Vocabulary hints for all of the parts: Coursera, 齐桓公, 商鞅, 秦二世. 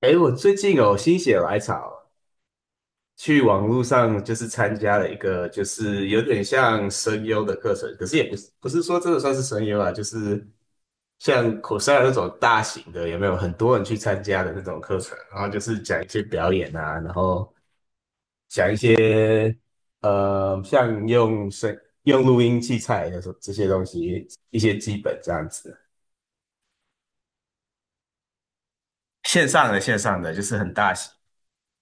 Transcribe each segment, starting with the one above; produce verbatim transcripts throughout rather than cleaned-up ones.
哎，我最近有心血来潮，去网络上就是参加了一个，就是有点像声优的课程，可是也不是不是说真的算是声优啊，就是像 Coursera 那种大型的，有没有很多人去参加的那种课程？然后就是讲一些表演啊，然后讲一些呃，像用声用录音器材的这这些东西，一些基本这样子。线上的线上的就是很大型，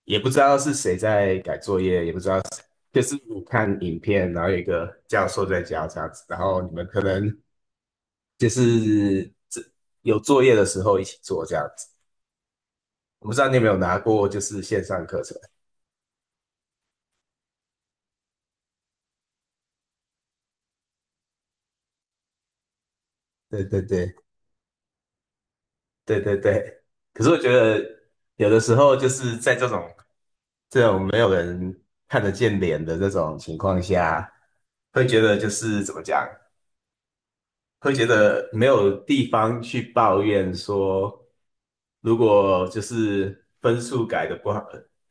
也不知道是谁在改作业，也不知道谁就是你看影片，然后有一个教授在教这样子，然后你们可能就是这有作业的时候一起做这样子。我不知道你有没有拿过就是线上课程？对对对对对对。可是我觉得有的时候就是在这种这种没有人看得见脸的这种情况下，会觉得就是怎么讲，会觉得没有地方去抱怨说，如果就是分数改的不好，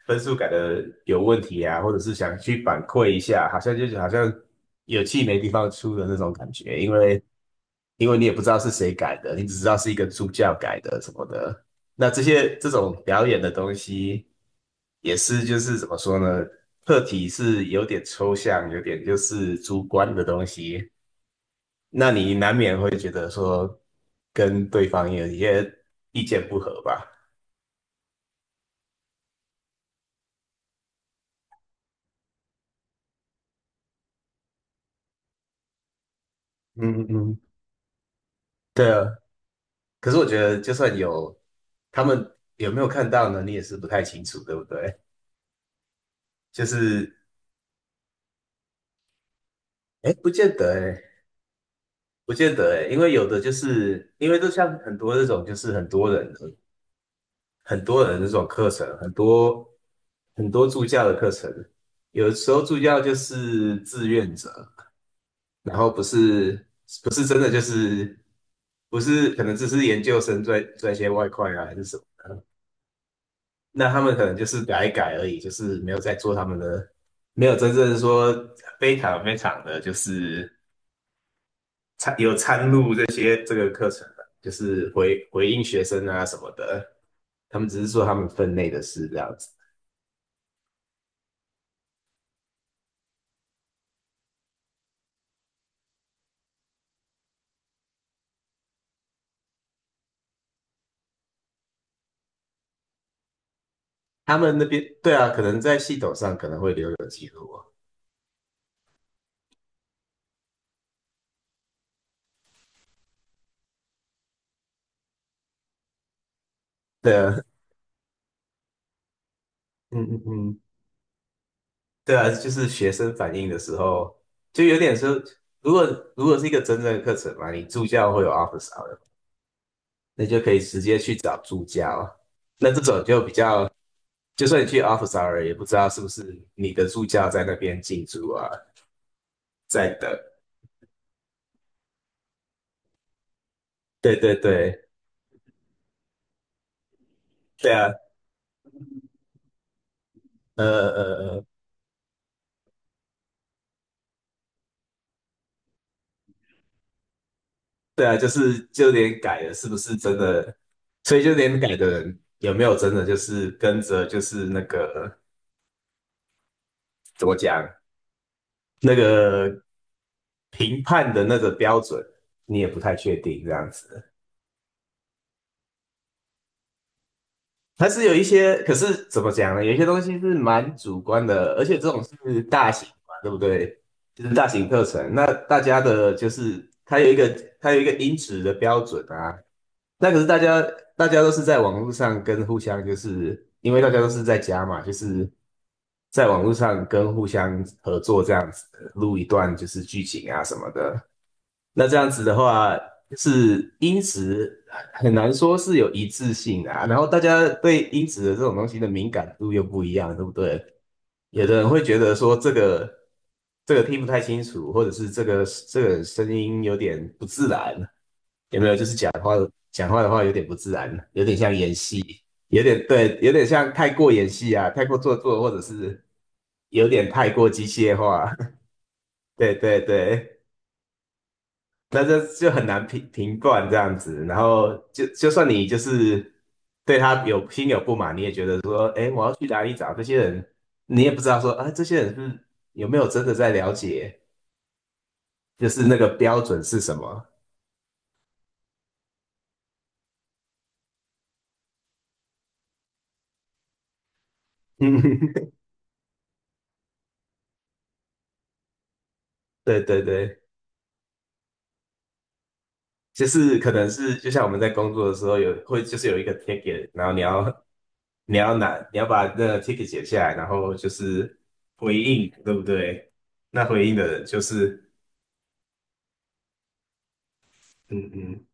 分数改的有问题啊，或者是想去反馈一下，好像就是好像有气没地方出的那种感觉，因为因为你也不知道是谁改的，你只知道是一个助教改的什么的。那这些这种表演的东西，也是就是怎么说呢？课题是有点抽象，有点就是主观的东西。那你难免会觉得说跟对方有一些意见不合吧？嗯嗯嗯，对啊，可是我觉得就算有，他们有没有看到呢？你也是不太清楚，对不对？就是，哎，不见得，哎，不见得，哎，因为有的就是因为就像很多这种，就是很多人的很多人的这种课程，很多很多助教的课程，有时候助教就是志愿者，然后不是不是真的就是不是可能只是研究生赚赚一些外快啊还是什么，那他们可能就是改一改而已，就是没有在做他们的，没有真正说非常非常的就是参有参入这些这个课程的，就是回回应学生啊什么的，他们只是做他们分内的事这样子。他们那边对啊，可能在系统上可能会留有记录啊。对啊，嗯嗯嗯。对啊，就是学生反映的时候，就有点说，如果如果是一个真正的课程嘛，你助教会有 office hour，那就可以直接去找助教啊。那这种就比较，就算你去 office hour，也不知道是不是你的助教在那边进驻啊，在等。对对对，对啊，呃呃呃，对啊，就是就连改了是不是真的，所以就连改的人有没有真的就是跟着就是那个怎么讲？那个评判的那个标准，你也不太确定这样子。它是有一些，可是怎么讲呢？有一些东西是蛮主观的，而且这种是大型嘛，对不对？就是大型课程，那大家的就是它有一个它有一个音质的标准啊，那可是大家大家都是在网络上跟互相，就是因为大家都是在家嘛，就是在网络上跟互相合作这样子录一段就是剧情啊什么的。那这样子的话，是音质很难说是有一致性啊。然后大家对音质的这种东西的敏感度又不一样，对不对？有的人会觉得说这个这个听不太清楚，或者是这个这个声音有点不自然，有没有？就是讲话的话有点不自然，有点像演戏，有点对，有点像太过演戏啊，太过做作，或者是有点太过机械化。对对对，那这就很难评评断这样子。然后就就算你就是对他有心有不满，你也觉得说，哎，我要去哪里找这些人？你也不知道说，啊，这些人是不是有没有真的在了解，就是那个标准是什么？嗯，对对对。就是可能是就像我们在工作的时候有会就是有一个 ticket，然后你要你要拿你要把那个 ticket 写下来，然后就是回应，对不对？那回应的人就是嗯嗯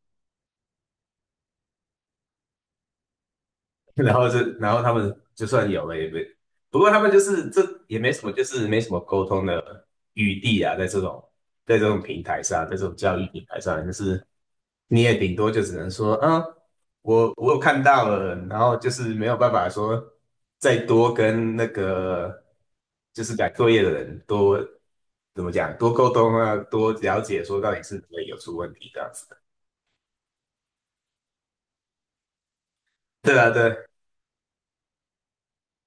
然后是，然后他们就算有了也没，不过他们就是这也没什么，就是没什么沟通的余地啊，在这种在这种平台上，在这种教育平台上，就是你也顶多就只能说，嗯，我我有看到了，然后就是没有办法说再多跟那个就是改作业的人多怎么讲，多沟通啊，多了解说到底是哪里有出问题这样子的。对啊，对，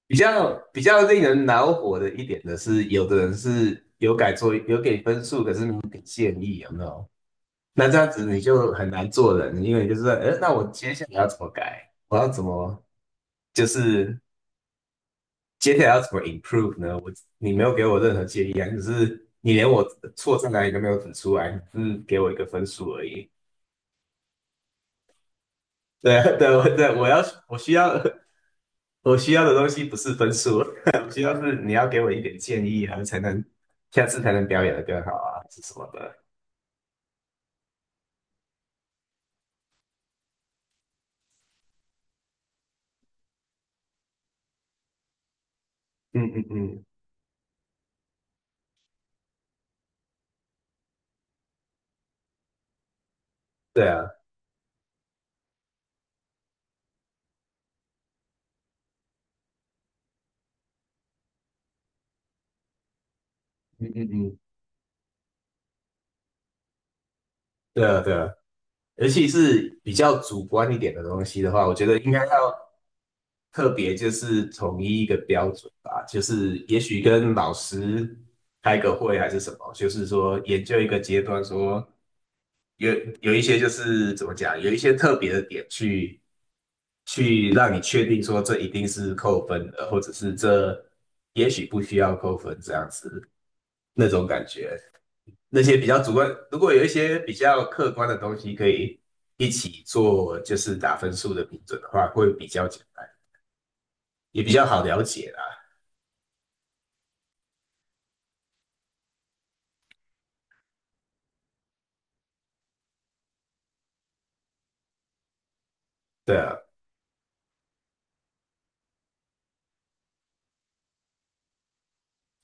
比较比较令人恼火的一点的是，有的人是有改作有给分数，可是没有给建议，有没有？那这样子你就很难做人，因为你就是说，呃，那我接下来要怎么改？我要怎么就是接下来要怎么 improve 呢？我你没有给我任何建议啊，只是你连我错在哪里都没有指出来，只是给我一个分数而已。对啊对啊对啊我要我需要我需要的东西不是分数，我需要是你要给我一点建议，然后才能下次才能表演的更好啊，是什么的？嗯嗯嗯，对啊，嗯嗯嗯，对啊对啊，尤其是比较主观一点的东西的话，我觉得应该要特别就是统一一个标准吧，就是也许跟老师开个会还是什么，就是说研究一个阶段说。有有一些就是怎么讲，有一些特别的点去去让你确定说这一定是扣分的，或者是这也许不需要扣分这样子那种感觉。那些比较主观，如果有一些比较客观的东西可以一起做，就是打分数的评准的话，会比较简单，也比较好了解啦。对啊，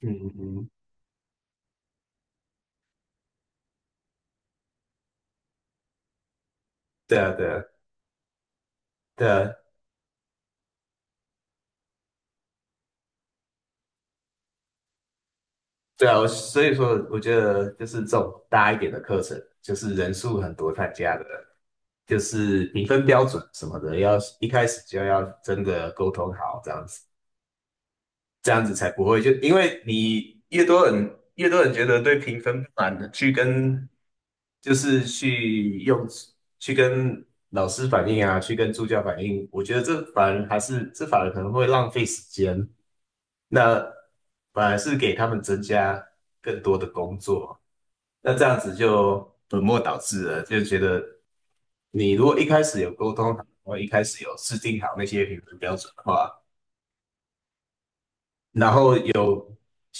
嗯嗯嗯，对啊对啊对啊对啊，我所以说我觉得就是这种大一点的课程，就是人数很多参加的。就是评分标准什么的，要一开始就要真的沟通好，这样子，这样子才不会就因为你越多人越多人觉得对评分不满的，去跟就是去用去跟老师反映啊，去跟助教反映，我觉得这反而还是这反而可能会浪费时间，那反而是给他们增加更多的工作。那这样子就本末倒置了，就觉得你如果一开始有沟通好，然后一开始有制定好那些评分标准的话，然后有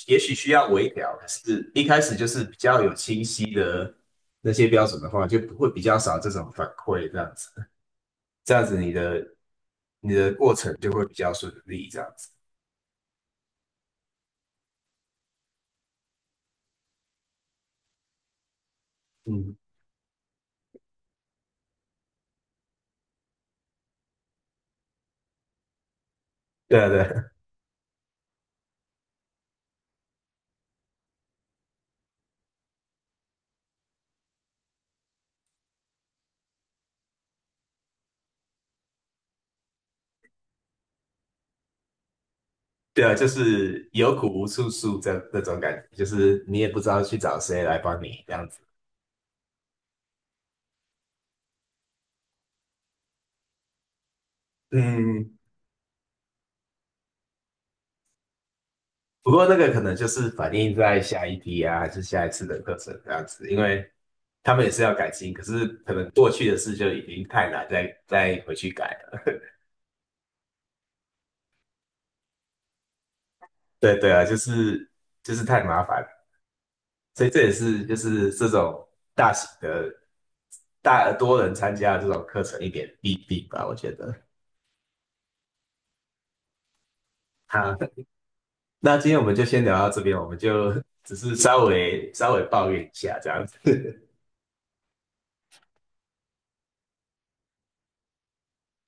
也许需要微调，可是一开始就是比较有清晰的那些标准的话，就不会比较少这种反馈，这样子，这样子你的你的过程就会比较顺利，这样子。嗯 对啊，对啊，对啊，就是有苦无处诉这这种感觉，就是你也不知道去找谁来帮你这样子。嗯，不过那个可能就是反映在下一批啊，还是下一次的课程这样子，因为他们也是要改进，可是可能过去的事就已经太难再再回去改了。对对啊，就是就是太麻烦了，所以这也是就是这种大型的大多人参加这种课程一点弊病吧，我觉得。好，那今天我们就先聊到这边，我们就只是稍微稍微抱怨一下这样子。